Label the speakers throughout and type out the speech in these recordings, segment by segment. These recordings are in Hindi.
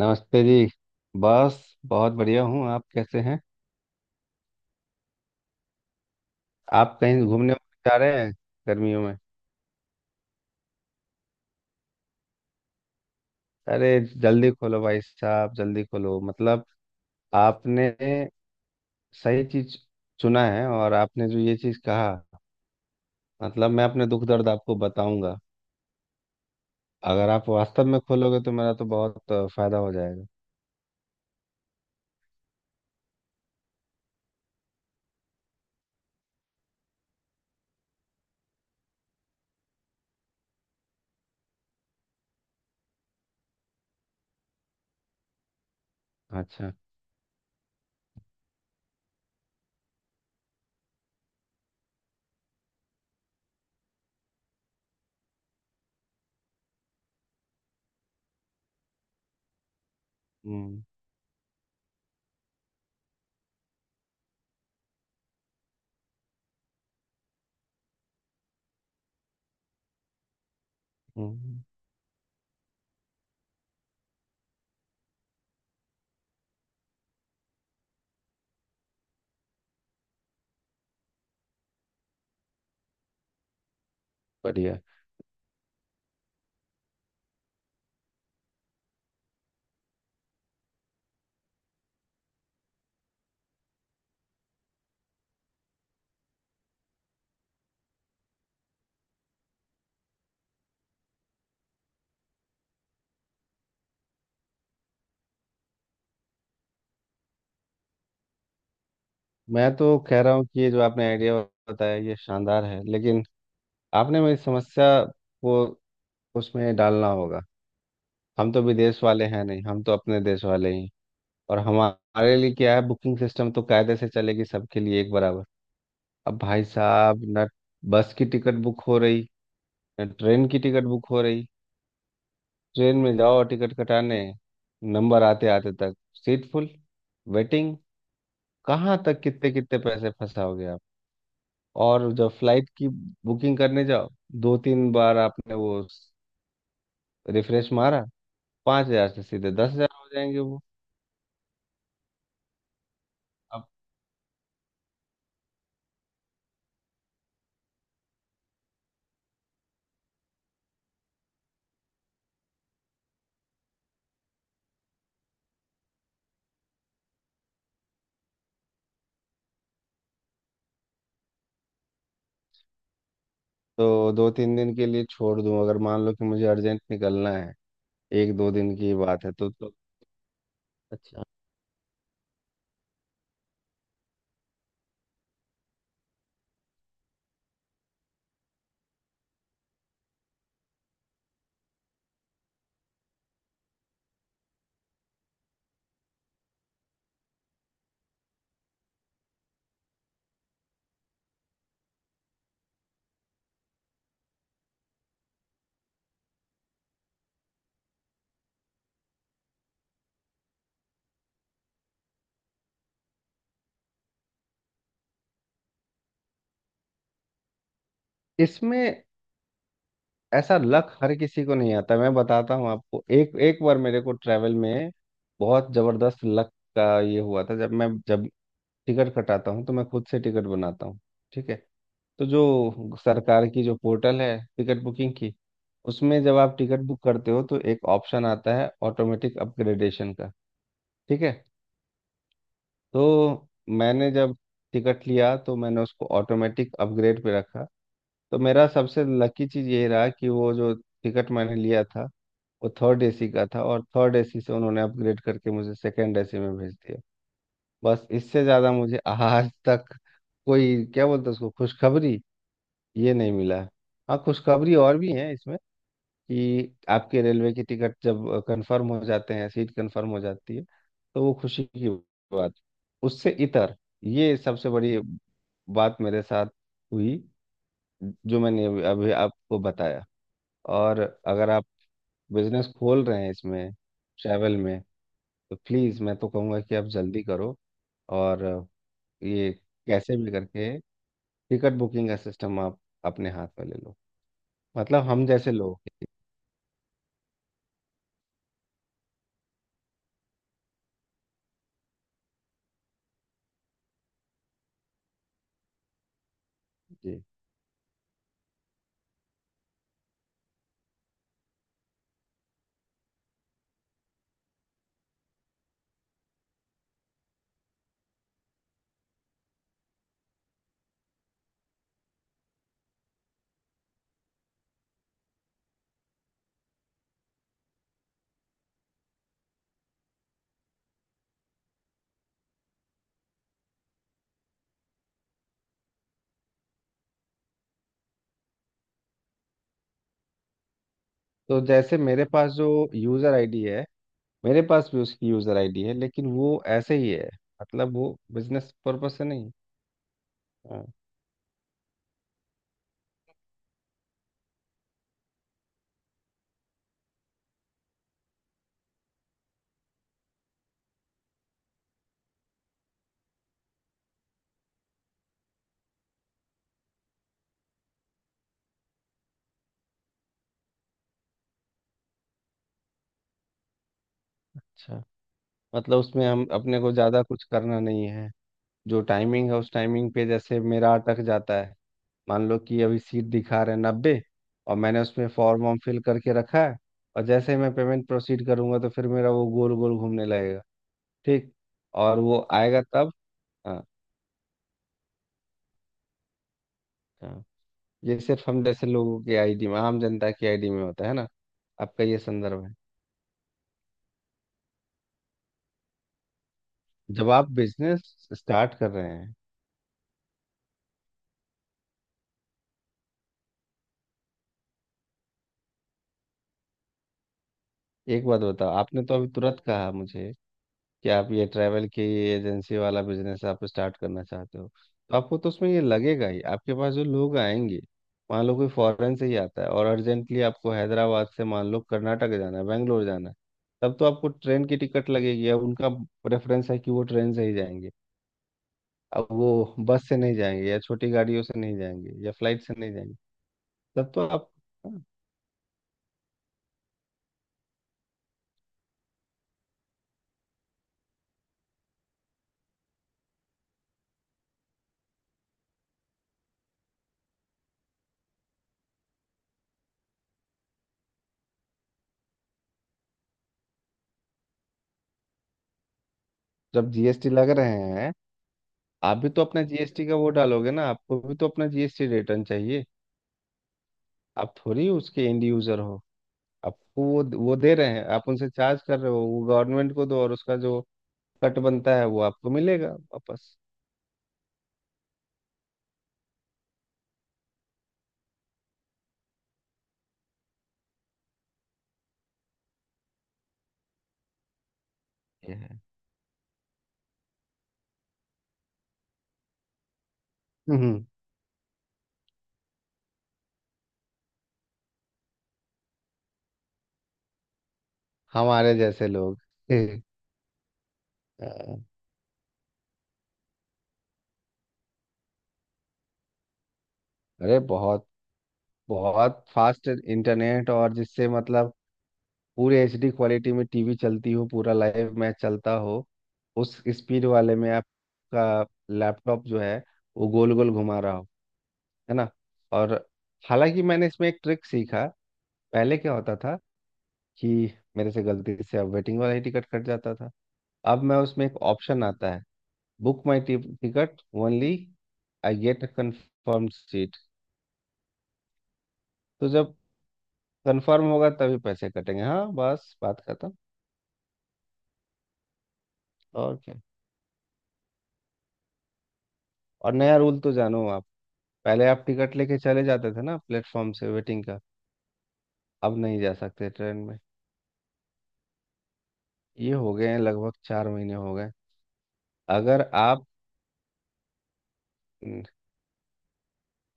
Speaker 1: नमस्ते जी। बस बहुत बढ़िया हूँ, आप कैसे हैं? आप कहीं घूमने जा रहे हैं गर्मियों में? अरे, जल्दी खोलो भाई साहब, जल्दी खोलो। मतलब आपने सही चीज चुना है, और आपने जो ये चीज कहा, मतलब मैं अपने दुख दर्द आपको बताऊंगा। अगर आप वास्तव में खोलोगे तो मेरा तो बहुत फायदा हो जाएगा। अच्छा। हम्म। हम्म। बढ़िया। मैं तो कह रहा हूँ कि ये जो आपने आइडिया बताया ये शानदार है, लेकिन आपने मेरी समस्या को उसमें डालना होगा। हम तो विदेश वाले हैं नहीं, हम तो अपने देश वाले ही हैं। और हमारे लिए क्या है, बुकिंग सिस्टम तो कायदे से चलेगी सबके लिए एक बराबर। अब भाई साहब, न बस की टिकट बुक हो रही, न ट्रेन की टिकट बुक हो रही। ट्रेन में जाओ टिकट कटाने, नंबर आते आते तक सीट फुल, वेटिंग। कहाँ तक कितने कितने पैसे फंसाओगे आप? और जब फ्लाइट की बुकिंग करने जाओ, दो तीन बार आपने वो रिफ्रेश मारा, 5,000 से सीधे 10,000 हो जाएंगे वो। तो दो तीन दिन के लिए छोड़ दूं, अगर मान लो कि मुझे अर्जेंट निकलना है, एक दो दिन की बात है तो। अच्छा। इसमें ऐसा लक हर किसी को नहीं आता। मैं बताता हूँ आपको, एक एक बार मेरे को ट्रैवल में बहुत ज़बरदस्त लक का ये हुआ था। जब टिकट कटाता हूँ तो मैं खुद से टिकट बनाता हूँ। ठीक है। तो जो सरकार की जो पोर्टल है टिकट बुकिंग की, उसमें जब आप टिकट बुक करते हो तो एक ऑप्शन आता है ऑटोमेटिक अपग्रेडेशन का। ठीक है। तो मैंने जब टिकट लिया तो मैंने उसको ऑटोमेटिक अपग्रेड पे रखा। तो मेरा सबसे लकी चीज़ ये रहा कि वो जो टिकट मैंने लिया था वो थर्ड एसी का था, और थर्ड एसी से उन्होंने अपग्रेड करके मुझे सेकंड एसी में भेज दिया। बस इससे ज़्यादा मुझे आज तक कोई, क्या बोलते हैं उसको, खुशखबरी ये नहीं मिला है। हाँ, खुशखबरी और भी है इसमें, कि आपके रेलवे की टिकट जब कंफर्म हो जाते हैं, सीट कंफर्म हो जाती है, तो वो खुशी की बात उससे इतर ये सबसे बड़ी बात मेरे साथ हुई, जो मैंने अभी अभी आपको बताया। और अगर आप बिजनेस खोल रहे हैं इसमें, ट्रैवल में, तो प्लीज़ मैं तो कहूँगा कि आप जल्दी करो। और ये, कैसे भी करके, टिकट बुकिंग का सिस्टम आप अपने हाथ में ले लो। मतलब हम जैसे लोग। जी। तो जैसे मेरे पास जो यूज़र आईडी है, मेरे पास भी उसकी यूज़र आईडी है लेकिन वो ऐसे ही है, मतलब वो बिजनेस पर्पज से नहीं। हाँ। अच्छा। मतलब उसमें हम अपने को ज़्यादा कुछ करना नहीं है। जो टाइमिंग है उस टाइमिंग पे, जैसे मेरा अटक जाता है। मान लो कि अभी सीट दिखा रहे हैं 90, और मैंने उसमें फॉर्म वॉर्म फिल करके रखा है, और जैसे ही मैं पेमेंट प्रोसीड करूंगा तो फिर मेरा वो गोल गोल घूमने लगेगा। ठीक। और वो आएगा तब। हाँ, ये सिर्फ हम जैसे लोगों की आईडी में, आम जनता की आईडी में होता है ना, आपका ये संदर्भ है। जब आप बिजनेस स्टार्ट कर रहे हैं, एक बात बताओ, आपने तो अभी तुरंत कहा मुझे कि आप ये ट्रैवल की एजेंसी वाला बिजनेस आप स्टार्ट करना चाहते हो, तो आपको तो उसमें ये लगेगा ही। आपके पास जो लोग आएंगे, मान लो कोई फॉरेन से ही आता है और अर्जेंटली आपको हैदराबाद से मान लो कर्नाटक जाना है, बेंगलोर जाना है, तब तो आपको ट्रेन की टिकट लगेगी। अब उनका प्रेफरेंस है कि वो ट्रेन से ही जाएंगे। अब वो बस से नहीं जाएंगे, या छोटी गाड़ियों से नहीं जाएंगे, या फ्लाइट से नहीं जाएंगे। तब तो आप। हाँ, जब जीएसटी लग रहे हैं, आप भी तो अपना जीएसटी का वो डालोगे ना, आपको भी तो अपना जीएसटी रिटर्न चाहिए। आप थोड़ी उसके एंड यूजर हो। आपको वो दे रहे हैं, आप उनसे चार्ज कर रहे हो, वो गवर्नमेंट को दो, और उसका जो कट बनता है वो आपको मिलेगा वापस। ये है। हम्म। हमारे जैसे लोग अरे, बहुत बहुत फास्ट इंटरनेट, और जिससे मतलब पूरी एचडी क्वालिटी में टीवी चलती हो, पूरा लाइव मैच चलता हो, उस स्पीड वाले में आपका लैपटॉप जो है वो गोल गोल घुमा रहा हो, है ना। और हालांकि मैंने इसमें एक ट्रिक सीखा। पहले क्या होता था, कि मेरे से गलती से अब वेटिंग वाला ही टिकट कट जाता था। अब मैं, उसमें एक ऑप्शन आता है, book my ticket only I get a confirm seat. तो जब कंफर्म होगा तभी पैसे कटेंगे, हाँ, बस बात खत्म। और क्या। और नया रूल तो जानो आप, पहले आप टिकट लेके चले जाते थे ना प्लेटफॉर्म से वेटिंग का, अब नहीं जा सकते ट्रेन में। ये हो गए हैं, लगभग 4 महीने हो गए। अगर आप न-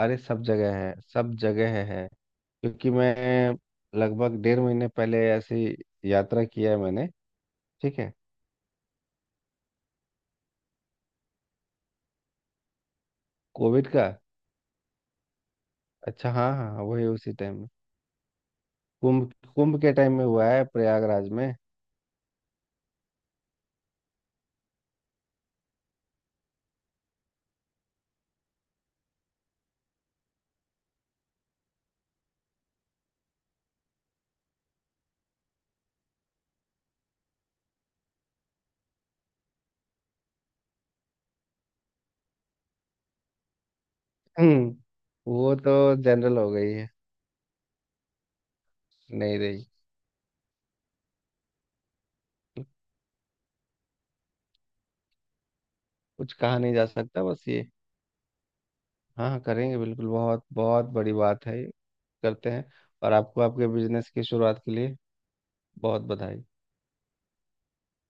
Speaker 1: अरे, सब जगह है, सब जगह है। क्योंकि मैं लगभग 1.5 महीने पहले ऐसी यात्रा किया है मैंने। ठीक है। कोविड का। अच्छा, हाँ हाँ हाँ, वही, उसी टाइम में। कुंभ, कुंभ के टाइम में हुआ है प्रयागराज में। हम्म। वो तो जनरल हो गई है, नहीं रही। कुछ कहा नहीं जा सकता, बस ये। हाँ हाँ, करेंगे बिल्कुल, बहुत बहुत बड़ी बात है ये, करते हैं। और आपको आपके बिजनेस की शुरुआत के लिए बहुत बधाई।